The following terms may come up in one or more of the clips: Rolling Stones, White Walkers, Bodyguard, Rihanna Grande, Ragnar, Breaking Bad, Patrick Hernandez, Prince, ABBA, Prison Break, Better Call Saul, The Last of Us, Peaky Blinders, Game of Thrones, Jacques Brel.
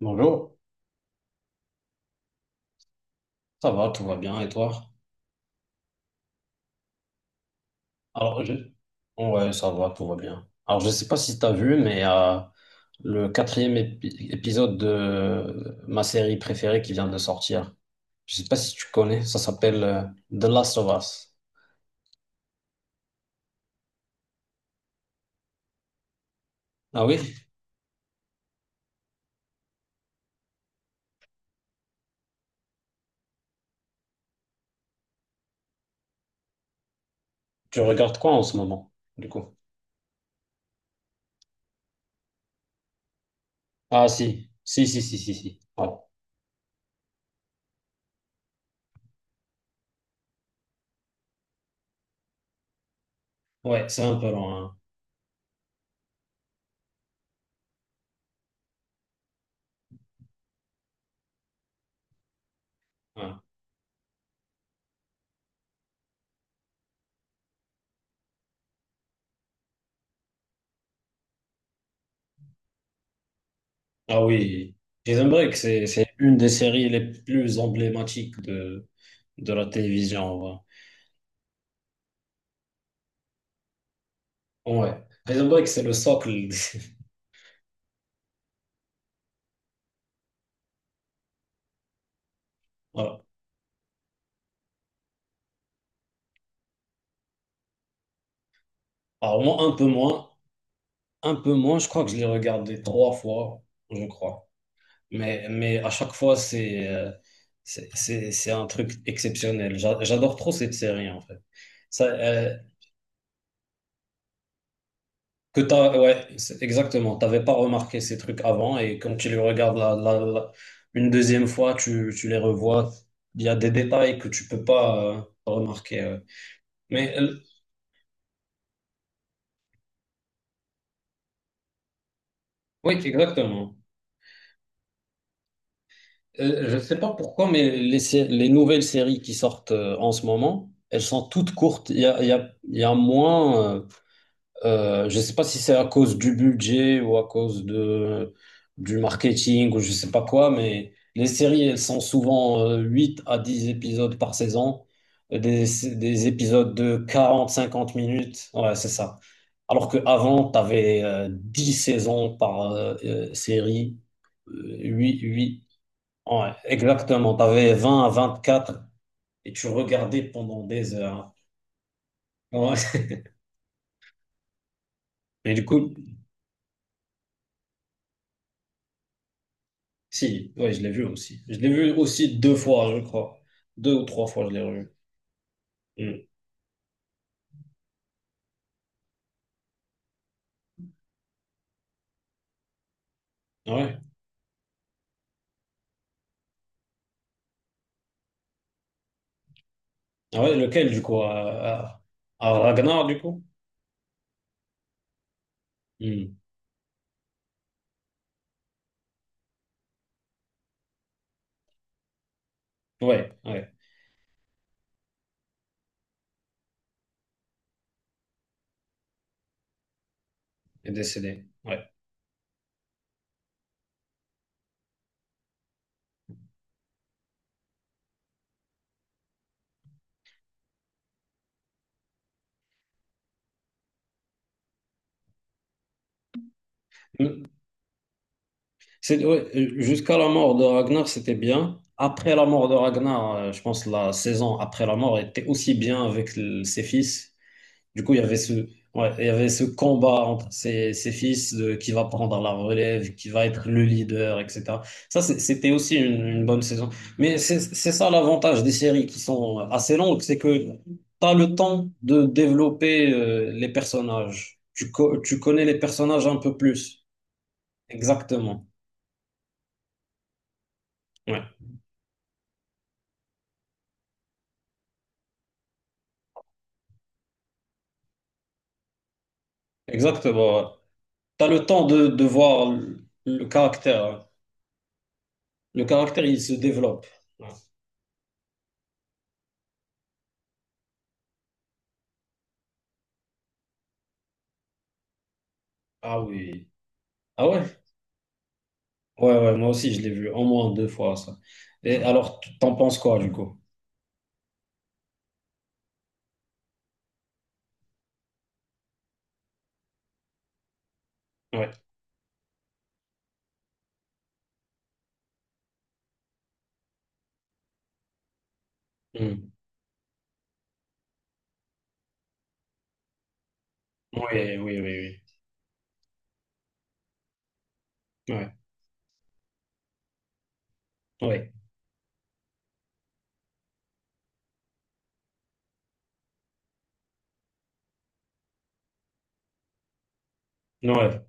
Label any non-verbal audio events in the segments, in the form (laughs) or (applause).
Bonjour, ça va, tout va bien, et toi? Alors, je... Ouais, ça va, tout va bien. Alors, je sais pas si tu as vu, mais le quatrième épisode de ma série préférée qui vient de sortir, je sais pas si tu connais, ça s'appelle The Last of Us. Ah oui? Tu regardes quoi en ce moment, du coup? Ah si, si, si, si, si, si. Ouais. Ouais, c'est un peu long, hein. Ouais. Ah oui, Prison Break, c'est une des séries les plus emblématiques de la télévision. Ouais. Prison Break, c'est le socle. (laughs) Voilà. Alors moi, un peu moins. Un peu moins, je crois que je l'ai regardé trois fois, je crois. Mais à chaque fois, c'est c'est un truc exceptionnel. J'adore trop cette série, en fait. Ça, que t'as, ouais, c'est- exactement. T'avais pas remarqué ces trucs avant et quand tu les regardes une deuxième fois, tu les revois. Il y a des détails que tu peux pas remarquer. Ouais. Mais oui, exactement. Je ne sais pas pourquoi, mais les nouvelles séries qui sortent en ce moment, elles sont toutes courtes. Il y a, il y a, il y a moins, je ne sais pas si c'est à cause du budget ou à cause de, du marketing ou je ne sais pas quoi, mais les séries, elles sont souvent 8 à 10 épisodes par saison, euh, des, des épisodes de quarante, cinquante minutes. Ouais, c'est ça. Alors qu'avant, tu avais 10 saisons par série. Ouais, exactement. T'avais avais 20 à 24 et tu regardais pendant des heures, hein. Ouais. (laughs) Et du coup, si, ouais, je l'ai vu aussi. Je l'ai vu aussi deux fois, je crois. Deux ou trois fois, je l'ai revu. Hmm. Ouais. Ah ouais, lequel, du coup? À Ragnar, du coup? Hmm. Ouais, ouais. Il est décédé. Ouais. Hmm. C'est, ouais, jusqu'à la mort de Ragnar, c'était bien. Après la mort de Ragnar, je pense que la saison après la mort était aussi bien avec ses fils. Du coup, il y avait ouais, il y avait ce combat entre ses fils de qui va prendre la relève, qui va être le leader, etc. Ça, c'était aussi une bonne saison. Mais c'est ça l'avantage des séries qui sont assez longues, c'est que tu as le temps de développer les personnages. Tu connais les personnages un peu plus. Exactement. Ouais, exactement. Tu as le temps de voir le caractère, hein. Le caractère, il se développe. Ouais. Ah oui. Ah ouais? Ouais, ouais, moi aussi, je l'ai vu au moins deux fois, ça. Et alors, t'en penses quoi, du coup? Ouais. Hmm. Oui, oui, oui, oui. Ouais, ouais, ouais.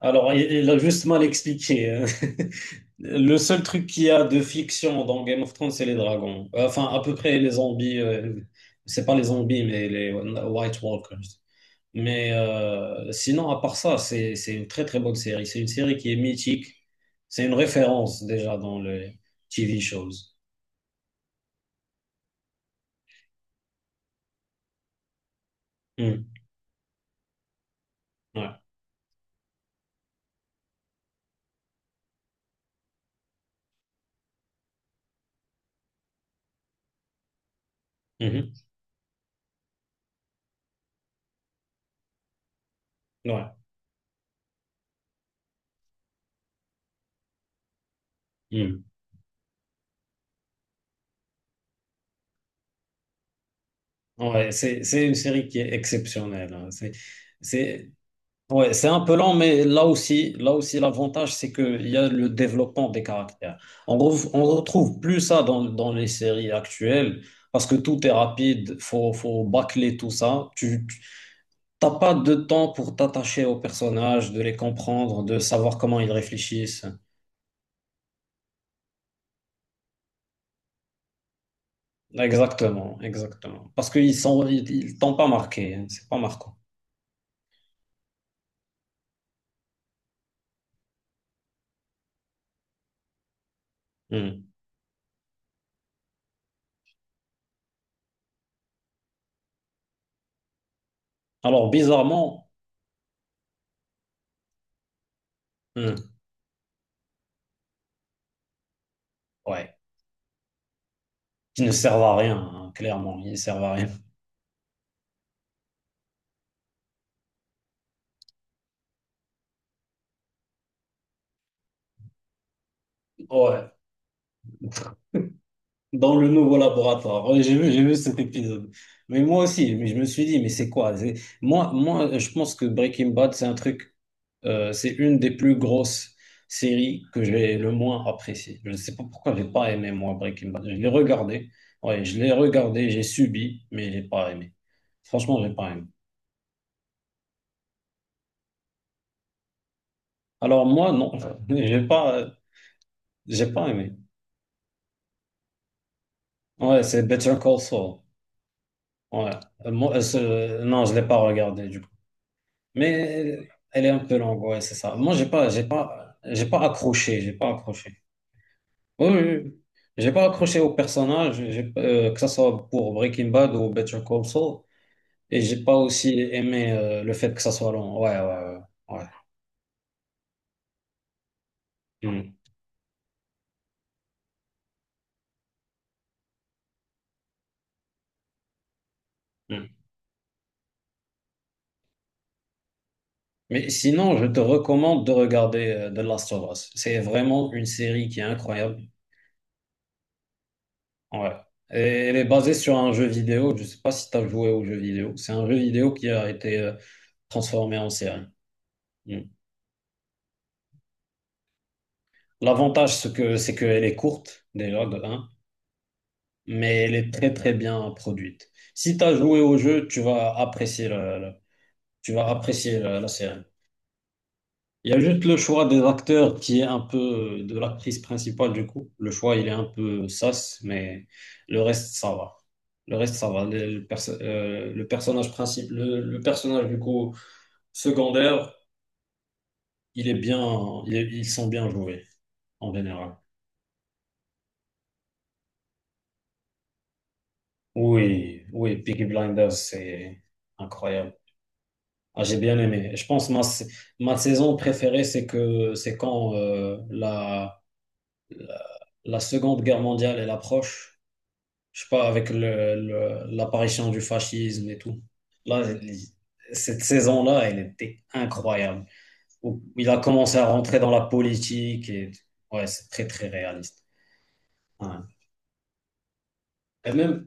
Alors, il a juste mal expliqué, hein. (laughs) Le seul truc qu'il y a de fiction dans Game of Thrones, c'est les dragons. Enfin, à peu près les zombies. C'est pas les zombies, mais les White Walkers. Mais sinon, à part ça, c'est une très très bonne série. C'est une série qui est mythique. C'est une référence déjà dans les TV shows. Hmm. Ouais. Mhm. Ouais. Mm. Ouais, c'est une série qui est exceptionnelle, hein. C'est, ouais, c'est un peu lent, mais là aussi, l'avantage, c'est qu'il y a le développement des caractères. On retrouve plus ça dans, dans les séries actuelles, parce que tout est rapide, faut bâcler tout ça. T'as pas de temps pour t'attacher aux personnages, de les comprendre, de savoir comment ils réfléchissent. Exactement, exactement. Parce qu'ils sont, ils t'ont pas marqué, hein, c'est pas marquant. Mm. Alors, bizarrement, hmm. Ouais, qui ne servent à rien, hein, clairement, ils ne servent à rien. Ouais, dans le nouveau laboratoire. Ouais, j'ai vu cet épisode. Mais moi aussi, mais je me suis dit, mais c'est quoi? C'est- je pense que Breaking Bad, c'est un truc, c'est une des plus grosses séries que j'ai le moins appréciée. Je ne sais pas pourquoi j'ai pas aimé, moi, Breaking Bad. Je l'ai regardé, ouais, je l'ai regardé, j'ai subi, mais j'ai pas aimé. Franchement, j'ai pas aimé. Alors moi, non, (laughs) j'ai pas, euh, j'ai pas aimé. Ouais, c'est Better Call Saul. Ouais. Moi, non, je l'ai pas regardé du coup. Mais elle est un peu longue, ouais, c'est ça. Moi, j'ai pas accroché, j'ai pas accroché. Oui, oui, oui. J'ai pas accroché au personnage, que ça soit pour Breaking Bad ou Better Call Saul, et j'ai pas aussi aimé le fait que ça soit long. Ouais, ouais, ouais. Ouais. Mm, mm. Mais sinon, je te recommande de regarder The Last of Us. C'est vraiment une série qui est incroyable. Ouais. Et elle est basée sur un jeu vidéo. Je sais pas si tu as joué au jeu vidéo. C'est un jeu vidéo qui a été transformé en série. Mm. L'avantage, c'est que, c'est qu'elle est courte, déjà, de 1, mais elle est très, très bien produite. Si tu as joué au jeu, tu vas apprécier tu vas apprécier la, la série. Il y a juste le choix des acteurs qui est un peu de l'actrice principale du coup. Le choix, il est un peu sas, mais le reste, ça va. Le reste, ça va. Le personnage principal, le personnage du coup secondaire, il est bien, ils sont bien joués en général. Oui, oui, Peaky Blinders, c'est incroyable. Ah, j'ai bien aimé. Je pense ma, sa- Ma saison préférée, c'est que c'est quand la Seconde Guerre mondiale elle approche. Je sais pas, avec l'apparition du fascisme et tout. Là, cette saison-là, elle était incroyable. Où il a commencé à rentrer dans la politique et ouais, c'est très très réaliste. Ouais. Et même,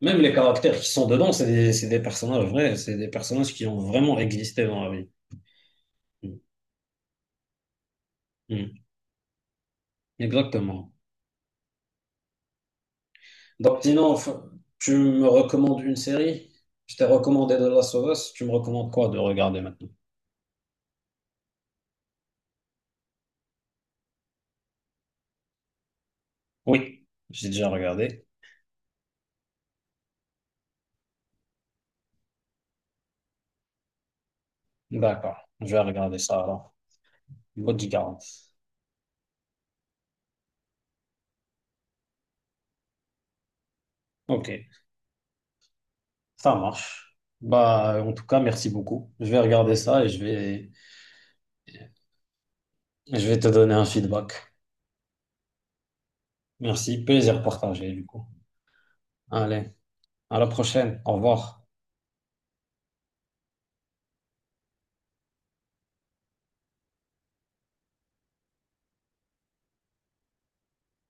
même les caractères qui sont dedans, c'est des personnages vrais, c'est des personnages qui ont vraiment existé dans la vie. Mm. Mm. Exactement. Donc, sinon, tu me recommandes une série? Je t'ai recommandé de la of Us, tu me recommandes quoi de regarder maintenant? Oui, j'ai déjà regardé. D'accord, je vais regarder ça alors. Bodyguard. Ok, ça marche. Bah, en tout cas, merci beaucoup. Je vais regarder ça et je vais te donner un feedback. Merci, plaisir partagé du coup. Allez, à la prochaine. Au revoir.